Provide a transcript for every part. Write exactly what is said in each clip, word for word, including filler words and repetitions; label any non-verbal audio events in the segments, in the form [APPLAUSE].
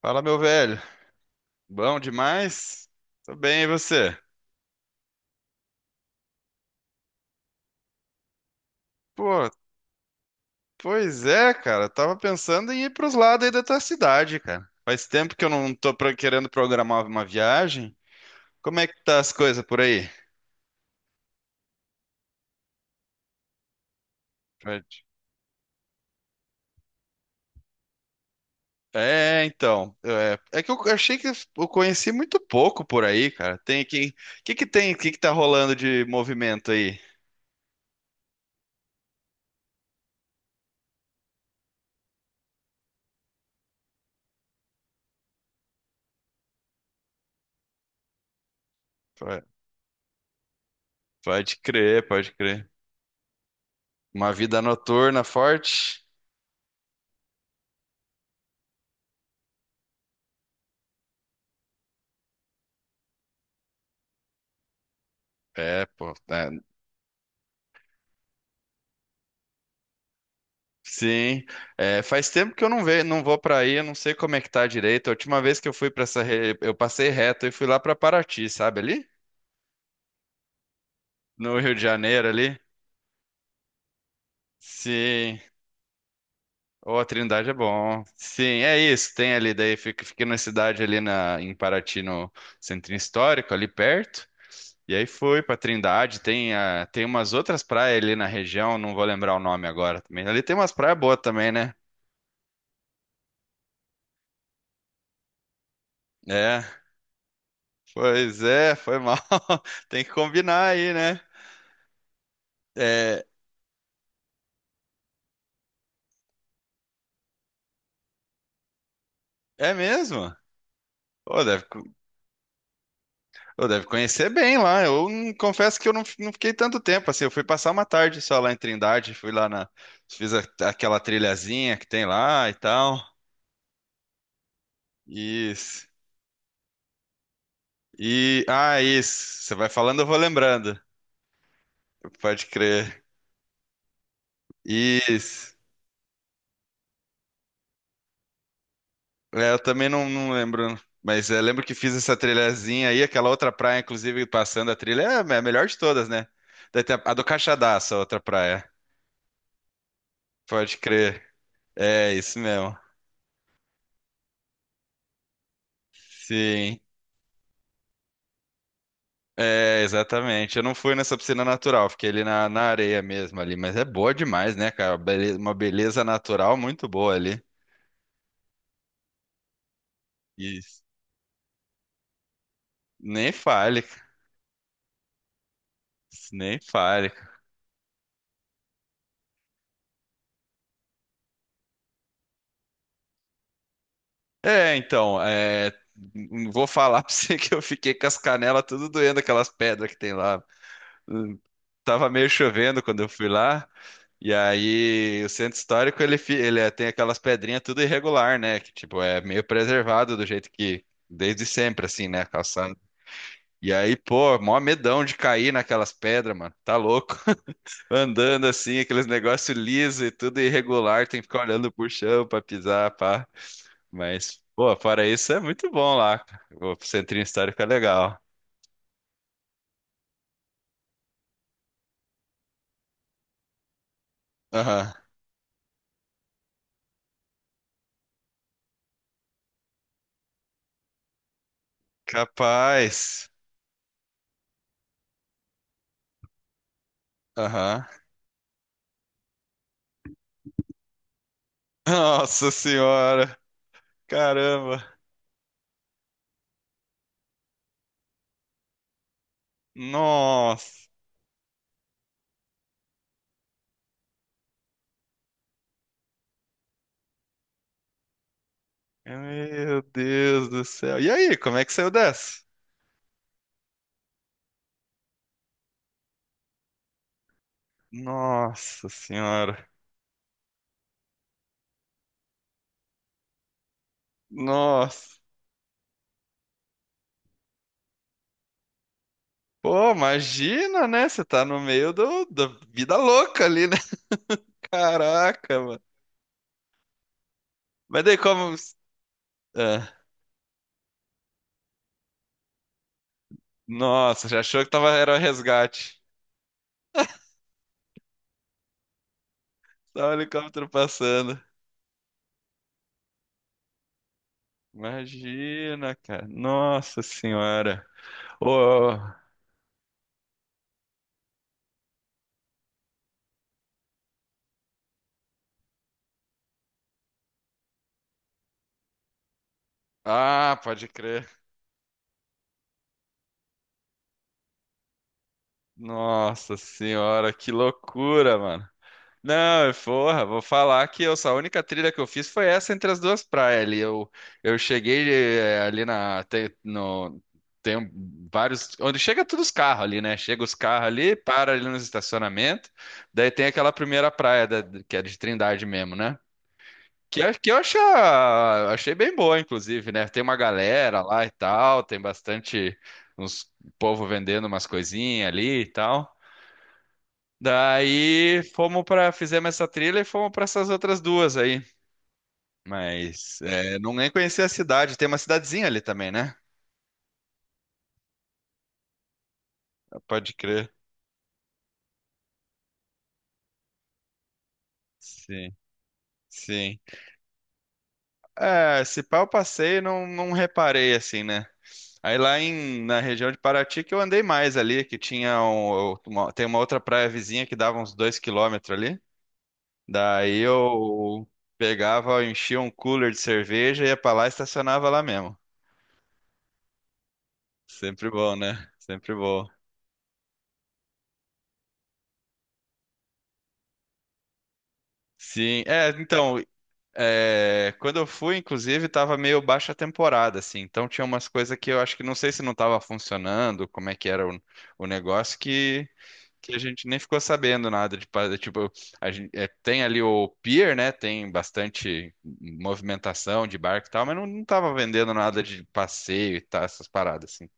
Fala, meu velho. Bom demais? Tô bem, e você? Pô, pois é, cara. Tava pensando em ir pros lados aí da tua cidade, cara. Faz tempo que eu não tô pro- querendo programar uma viagem. Como é que tá as coisas por aí? Fred? É, então. É, é que eu achei que eu conheci muito pouco por aí, cara. Tem aqui. O que que tem? O que que tá rolando de movimento aí? Pode pode crer, pode crer. Uma vida noturna forte. É, pô. É, Sim, É, faz tempo que eu não ve, não vou para aí, eu não sei como é que tá direito. A última vez que eu fui para essa, re- eu passei reto e fui lá para Paraty, sabe ali? No Rio de Janeiro ali. Sim, ô, a Trindade é bom. Sim, é isso, tem ali daí, fica- fiquei na cidade ali na, em Paraty, no Centro Histórico, ali perto. E aí fui para Trindade, tem, a, tem umas outras praias ali na região, não vou lembrar o nome agora também. Ali tem umas praias boas também, né? É, pois é, foi mal. [LAUGHS] Tem que combinar aí, né? É, é mesmo? Ô, deve, co- ô, deve conhecer bem lá. Eu não- confesso que eu não, fi- não fiquei tanto tempo assim. Eu fui passar uma tarde só lá em Trindade. Fui lá na. Fiz a- aquela trilhazinha que tem lá e tal. Isso. E. Ah, isso. Você vai falando, eu vou lembrando. Pode crer. Isso. É, eu também não, não lembro. Mas é, lembro que fiz essa trilhazinha aí, aquela outra praia, inclusive, passando a trilha, é é a melhor de todas, né? Daí tem a, a do Caixadaço, a outra praia. Pode crer. É, isso mesmo. Sim. É, exatamente. Eu não fui nessa piscina natural, fiquei ali na, na areia mesmo ali, mas é boa demais, né, cara? Bele- Uma beleza natural muito boa ali. Isso. Nem fale, cara. Nem fale. É, então, é, n- vou falar [LAUGHS] pra você que eu fiquei com as canelas tudo doendo, aquelas pedras que tem lá. Hum, Tava meio chovendo quando eu fui lá. E aí, o centro histórico, ele, fi- ele é- tem aquelas pedrinhas tudo irregular, né? Que, tipo, é meio preservado do jeito que, desde sempre, assim, né? Calçado. E aí, pô, mó medão de cair naquelas pedras, mano. Tá louco. [LAUGHS] Andando assim, aqueles negócios liso e tudo irregular, tem que ficar olhando pro chão pra pisar, pá. Mas, pô, fora isso, é muito bom lá. O centrinho histórico é legal. Aham. Capaz. Aham. Nossa senhora. Caramba. Nossa. Meu Deus do céu. E aí, como é que saiu dessa? Nossa senhora. Nossa. Pô, imagina, né? Você tá no meio do, da vida louca ali, né? [LAUGHS] Caraca, mano. Mas daí como. Ah, nossa, já achou que tava, era o resgate. Tá o helicóptero passando. Imagina, cara. Nossa senhora. Ô. Ah, pode crer. Nossa senhora, que loucura, mano. Não, eu- porra, vou falar que eu, a única trilha que eu fiz foi essa entre as duas praias ali. Eu, eu cheguei eh, ali na. Tem, no, tem um- vários. Onde chega todos os carros ali, né? Chega os carros ali, para ali nos estacionamentos. Daí tem aquela primeira praia, da- que é de Trindade mesmo, né? Que, é- que eu achei, achei bem boa, inclusive, né? Tem uma galera lá e tal, tem bastante. Uns povo vendendo umas coisinhas ali e tal. Daí fomos para fizemos essa trilha e fomos para essas outras duas aí. Mas é, não nem conheci a cidade. Tem uma cidadezinha ali também, né? Pode crer. Sim, sim. É, se pá, eu passei e não, não reparei assim, né? Aí lá em, na região de Paraty que eu andei mais ali, que tinha um, uma- tem uma outra praia vizinha que dava uns dois quilômetros ali. Daí eu pegava, enchia um cooler de cerveja, ia pra lá e estacionava lá mesmo. Sempre bom, né? Sempre bom. Sim, é, então, é, quando eu fui, inclusive, tava meio baixa temporada, assim, então tinha umas coisas que eu acho que não sei se não tava funcionando, como é que era o, o negócio, que, que a gente nem ficou sabendo nada, de, pa- tipo, a gente, é, tem ali o pier, né, tem bastante movimentação de barco e tal, mas não, não tava vendendo nada de passeio e tal, essas paradas, assim.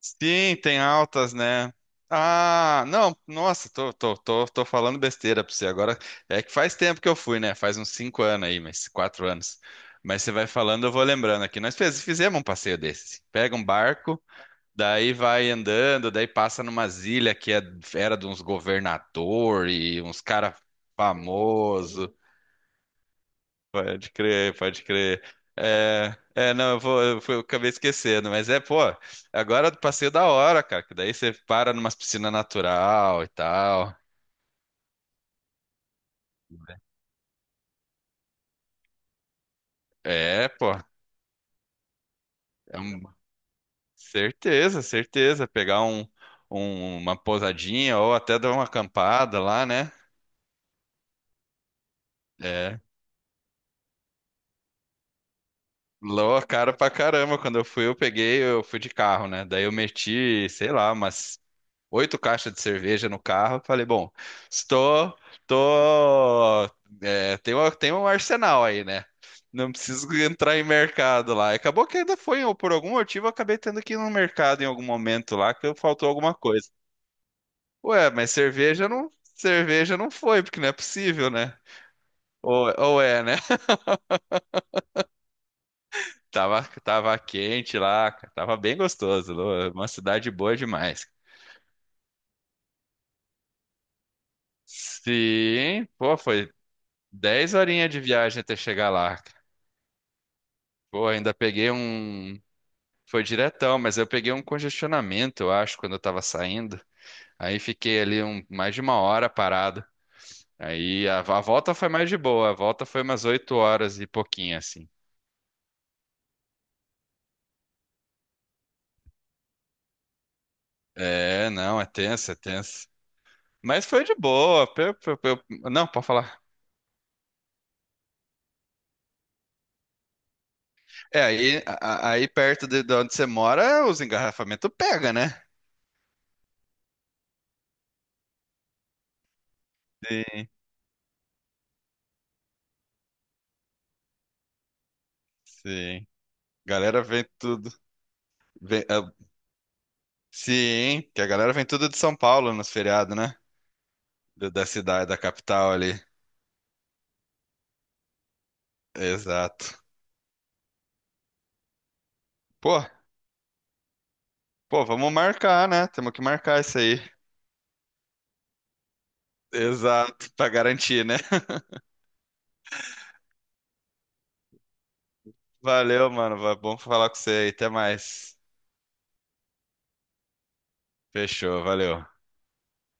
Sim, tem altas, né? Ah, não, nossa, tô, tô, tô, tô falando besteira pra você agora. É que faz tempo que eu fui, né? Faz uns cinco anos aí, mas quatro anos. Mas você vai falando, eu vou lembrando aqui. Nós fez- fizemos um passeio desse. Pega um barco, daí vai andando, daí passa numa ilha que é- era de uns governador e uns cara famoso. Pode crer, pode crer. É, é, não, eu vou, eu fui- eu acabei esquecendo, mas é, pô, agora eu passei da hora, cara, que daí você para numa piscina natural e tal. É, pô, é um- certeza, certeza, pegar um, um- uma pousadinha ou até dar uma acampada lá, né? É, lou, cara pra caramba, quando eu fui, eu peguei, eu fui de carro, né? Daí eu meti, sei lá, umas oito caixas de cerveja no carro. Falei, bom, estou, tô, é, tem uma- tem um arsenal aí, né? Não preciso entrar em mercado lá. Acabou que ainda foi, ou por algum motivo, eu acabei tendo que ir no mercado em algum momento lá, que faltou alguma coisa. Ué, mas cerveja não, cerveja não foi, porque não é possível, né? Ou, ou é, né? [LAUGHS] Tava, tava quente lá, cara, tava bem gostoso. Lu, Uma cidade boa demais. Sim, pô, foi dez horinhas de viagem até chegar lá. Pô, ainda peguei um. Foi diretão, mas eu peguei um congestionamento, eu acho, quando eu tava saindo. Aí fiquei ali um- mais de uma hora parado. Aí a, a volta foi mais de boa, a volta foi umas oito horas e pouquinho, assim. É, não, é tenso, é tenso. Mas foi de boa. pe- pe- pe- Não, pode falar. É, aí, a- a- aí perto de, de, onde você mora, os engarrafamentos pega, né? Sim, sim. Galera vem tudo. Vem, ah, sim, que a galera vem tudo de São Paulo nos feriados, né? do- da cidade, da capital ali. Exato. Pô, pô, vamos marcar, né? Temos que marcar isso aí. Exato, pra garantir, né? [LAUGHS] Valeu, mano. Va- Bom falar com você aí. Até mais. Fechou, valeu.